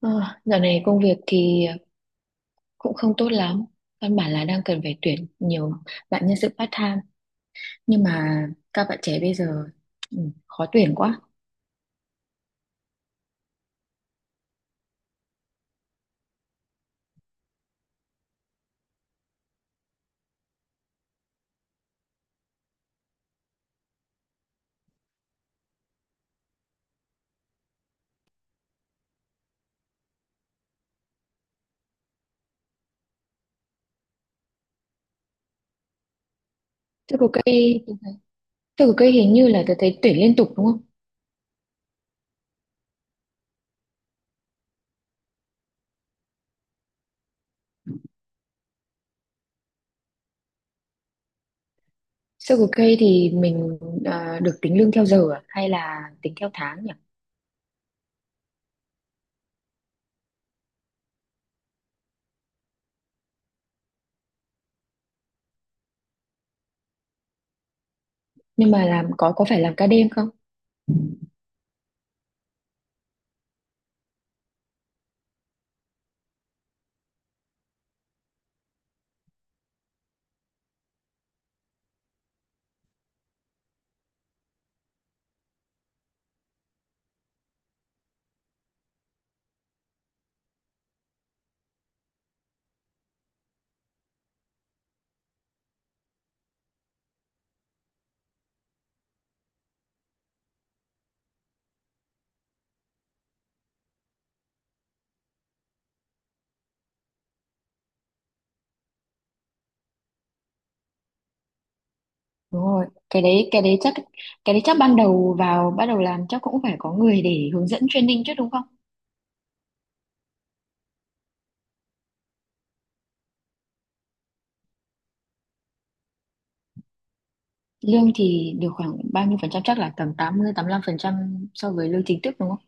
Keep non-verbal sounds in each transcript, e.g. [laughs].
Ờ, Dạo này công việc thì cũng không tốt lắm. Căn bản là đang cần phải tuyển nhiều bạn nhân sự part-time. Nhưng mà các bạn trẻ bây giờ ừ, khó tuyển quá. Circle K, Circle Cây hình như là tôi thấy tuyển liên tục đúng không? Circle Cây thì mình được tính lương theo giờ à? Hay là tính theo tháng nhỉ? Nhưng mà làm có phải làm ca đêm không? Đúng rồi, cái đấy chắc ban đầu vào bắt đầu làm chắc cũng phải có người để hướng dẫn training chứ đúng không? Lương thì được khoảng bao nhiêu phần trăm, chắc là tầm 80 lăm phần trăm so với lương chính thức đúng không?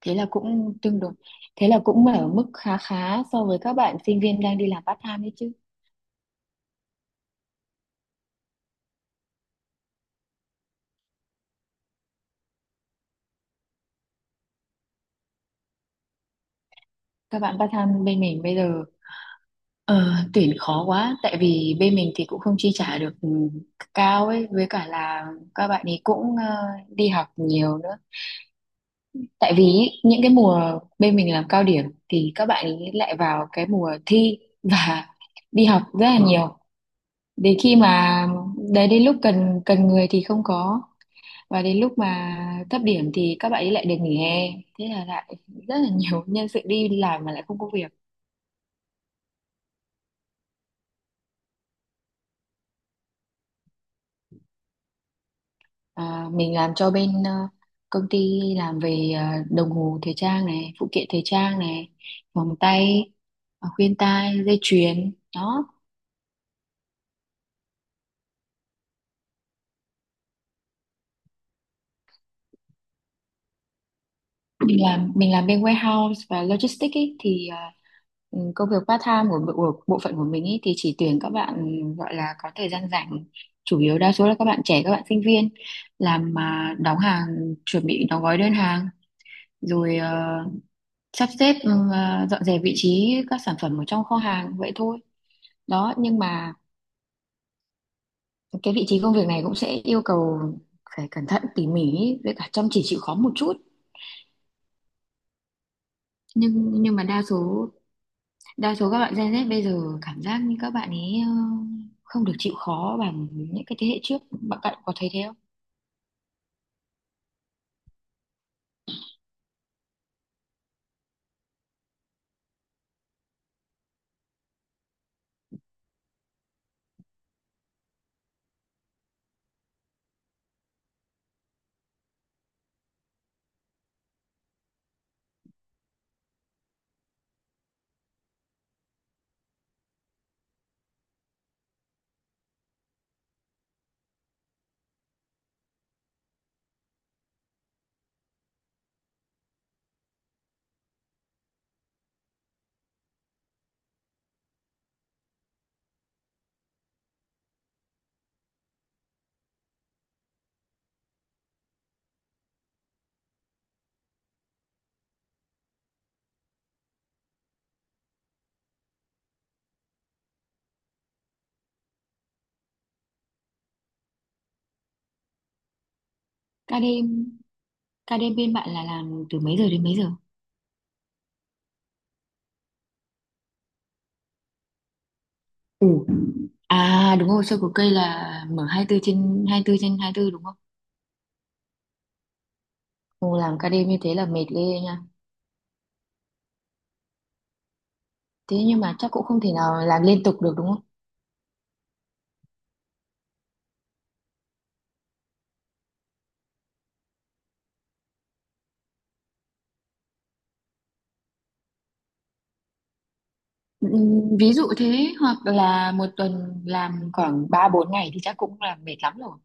Thế là cũng tương đối. Thế là cũng ở mức khá khá so với các bạn sinh viên đang đi làm part time đấy chứ. Các bạn part time bên mình bây giờ ờ, tuyển khó quá, tại vì bên mình thì cũng không chi trả được cao ấy, với cả là các bạn ấy cũng đi học nhiều nữa. Tại vì ý, những cái mùa bên mình làm cao điểm thì các bạn ấy lại vào cái mùa thi và đi học rất là nhiều. Đến khi mà đấy, đến lúc cần cần người thì không có, và đến lúc mà thấp điểm thì các bạn ấy lại được nghỉ hè, thế là lại rất là nhiều [laughs] nhân sự đi làm mà lại không có việc. À, mình làm cho bên công ty làm về đồng hồ thời trang này, phụ kiện thời trang này, vòng tay, khuyên tai, dây chuyền, đó. Mình làm bên warehouse và logistics ý, thì công việc part time của bộ phận của mình ý, thì chỉ tuyển các bạn gọi là có thời gian rảnh, chủ yếu đa số là các bạn trẻ, các bạn sinh viên, làm mà đóng hàng, chuẩn bị đóng gói đơn hàng, rồi sắp xếp, dọn dẹp vị trí các sản phẩm ở trong kho hàng vậy thôi. Đó, nhưng mà cái vị trí công việc này cũng sẽ yêu cầu phải cẩn thận tỉ mỉ ý, với cả chăm chỉ chịu khó một chút. Nhưng mà đa số các bạn Gen Z bây giờ cảm giác như các bạn ấy không được chịu khó bằng những cái thế hệ trước. Bạn bạn có thấy thế không? Ca KD bên bạn là làm từ mấy giờ đến mấy giờ? ủ À đúng rồi, sơ của cây là mở 24/24 trên 24 đúng không? Ồ, làm ca đêm như thế là mệt ghê nha. Thế nhưng mà chắc cũng không thể nào làm liên tục được đúng không? Ví dụ thế, hoặc là một tuần làm khoảng 3 4 ngày thì chắc cũng là mệt lắm rồi.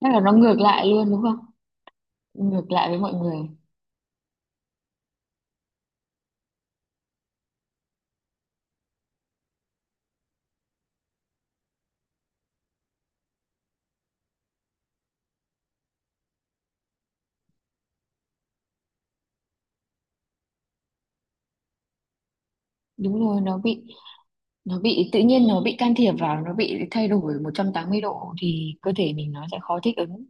Chắc là nó ngược lại luôn đúng không? Ngược lại với mọi người. Đúng rồi, nó bị tự nhiên nó bị can thiệp vào, nó bị thay đổi 180 độ thì cơ thể mình nó sẽ khó thích ứng.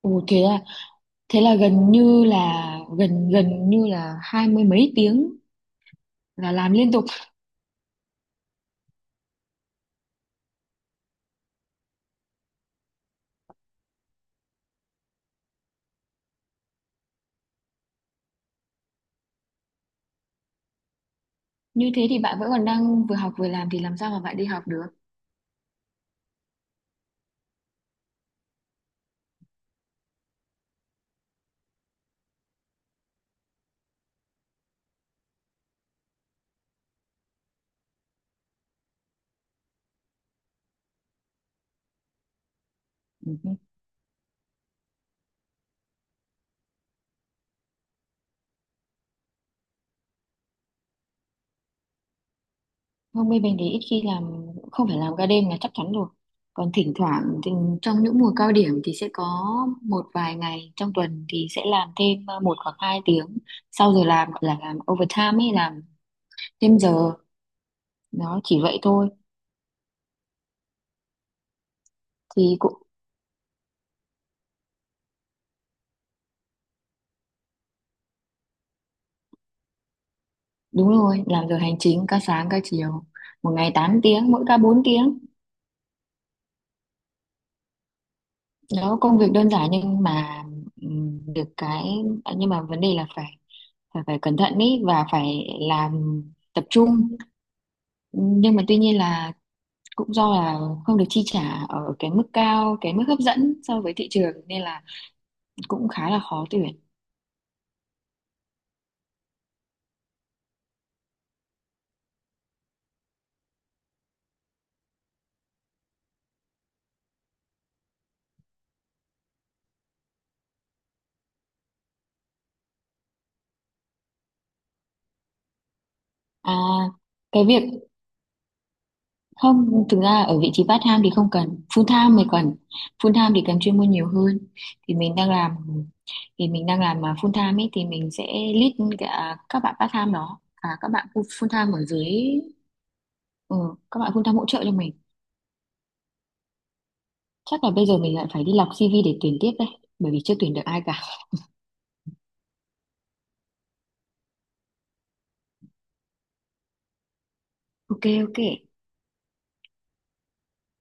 Ồ, thế là gần như là, gần gần như là hai mươi mấy tiếng là làm liên tục. Như thế thì bạn vẫn còn đang vừa học vừa làm thì làm sao mà bạn đi học được? Ừ. Ừ. Hôm nay mình thì ít khi làm, không phải làm ca đêm là chắc chắn rồi, còn thỉnh thoảng thì trong những mùa cao điểm thì sẽ có một vài ngày trong tuần thì sẽ làm thêm 1 hoặc 2 tiếng sau giờ làm, gọi là làm overtime ấy, làm thêm giờ, đó chỉ vậy thôi. Thì cũng đúng rồi, làm giờ hành chính, ca sáng ca chiều, một ngày 8 tiếng, mỗi ca 4 tiếng. Đó, công việc đơn giản nhưng mà được cái, nhưng mà vấn đề là phải phải phải cẩn thận ý và phải làm tập trung. Nhưng mà tuy nhiên là cũng do là không được chi trả ở cái mức cao, cái mức hấp dẫn so với thị trường, nên là cũng khá là khó tuyển. à cái việc, không, thực ra ở vị trí part time thì không cần, full time mới cần. Full time thì cần chuyên môn nhiều hơn. Thì mình đang làm thì mình đang làm à, full time ấy thì mình sẽ lead cả các bạn part time, đó, các bạn full full time ở dưới. ừ, các bạn full time hỗ trợ cho mình. Chắc là bây giờ mình lại phải đi lọc CV để tuyển tiếp đây, bởi vì chưa tuyển được ai cả. Ok, ok.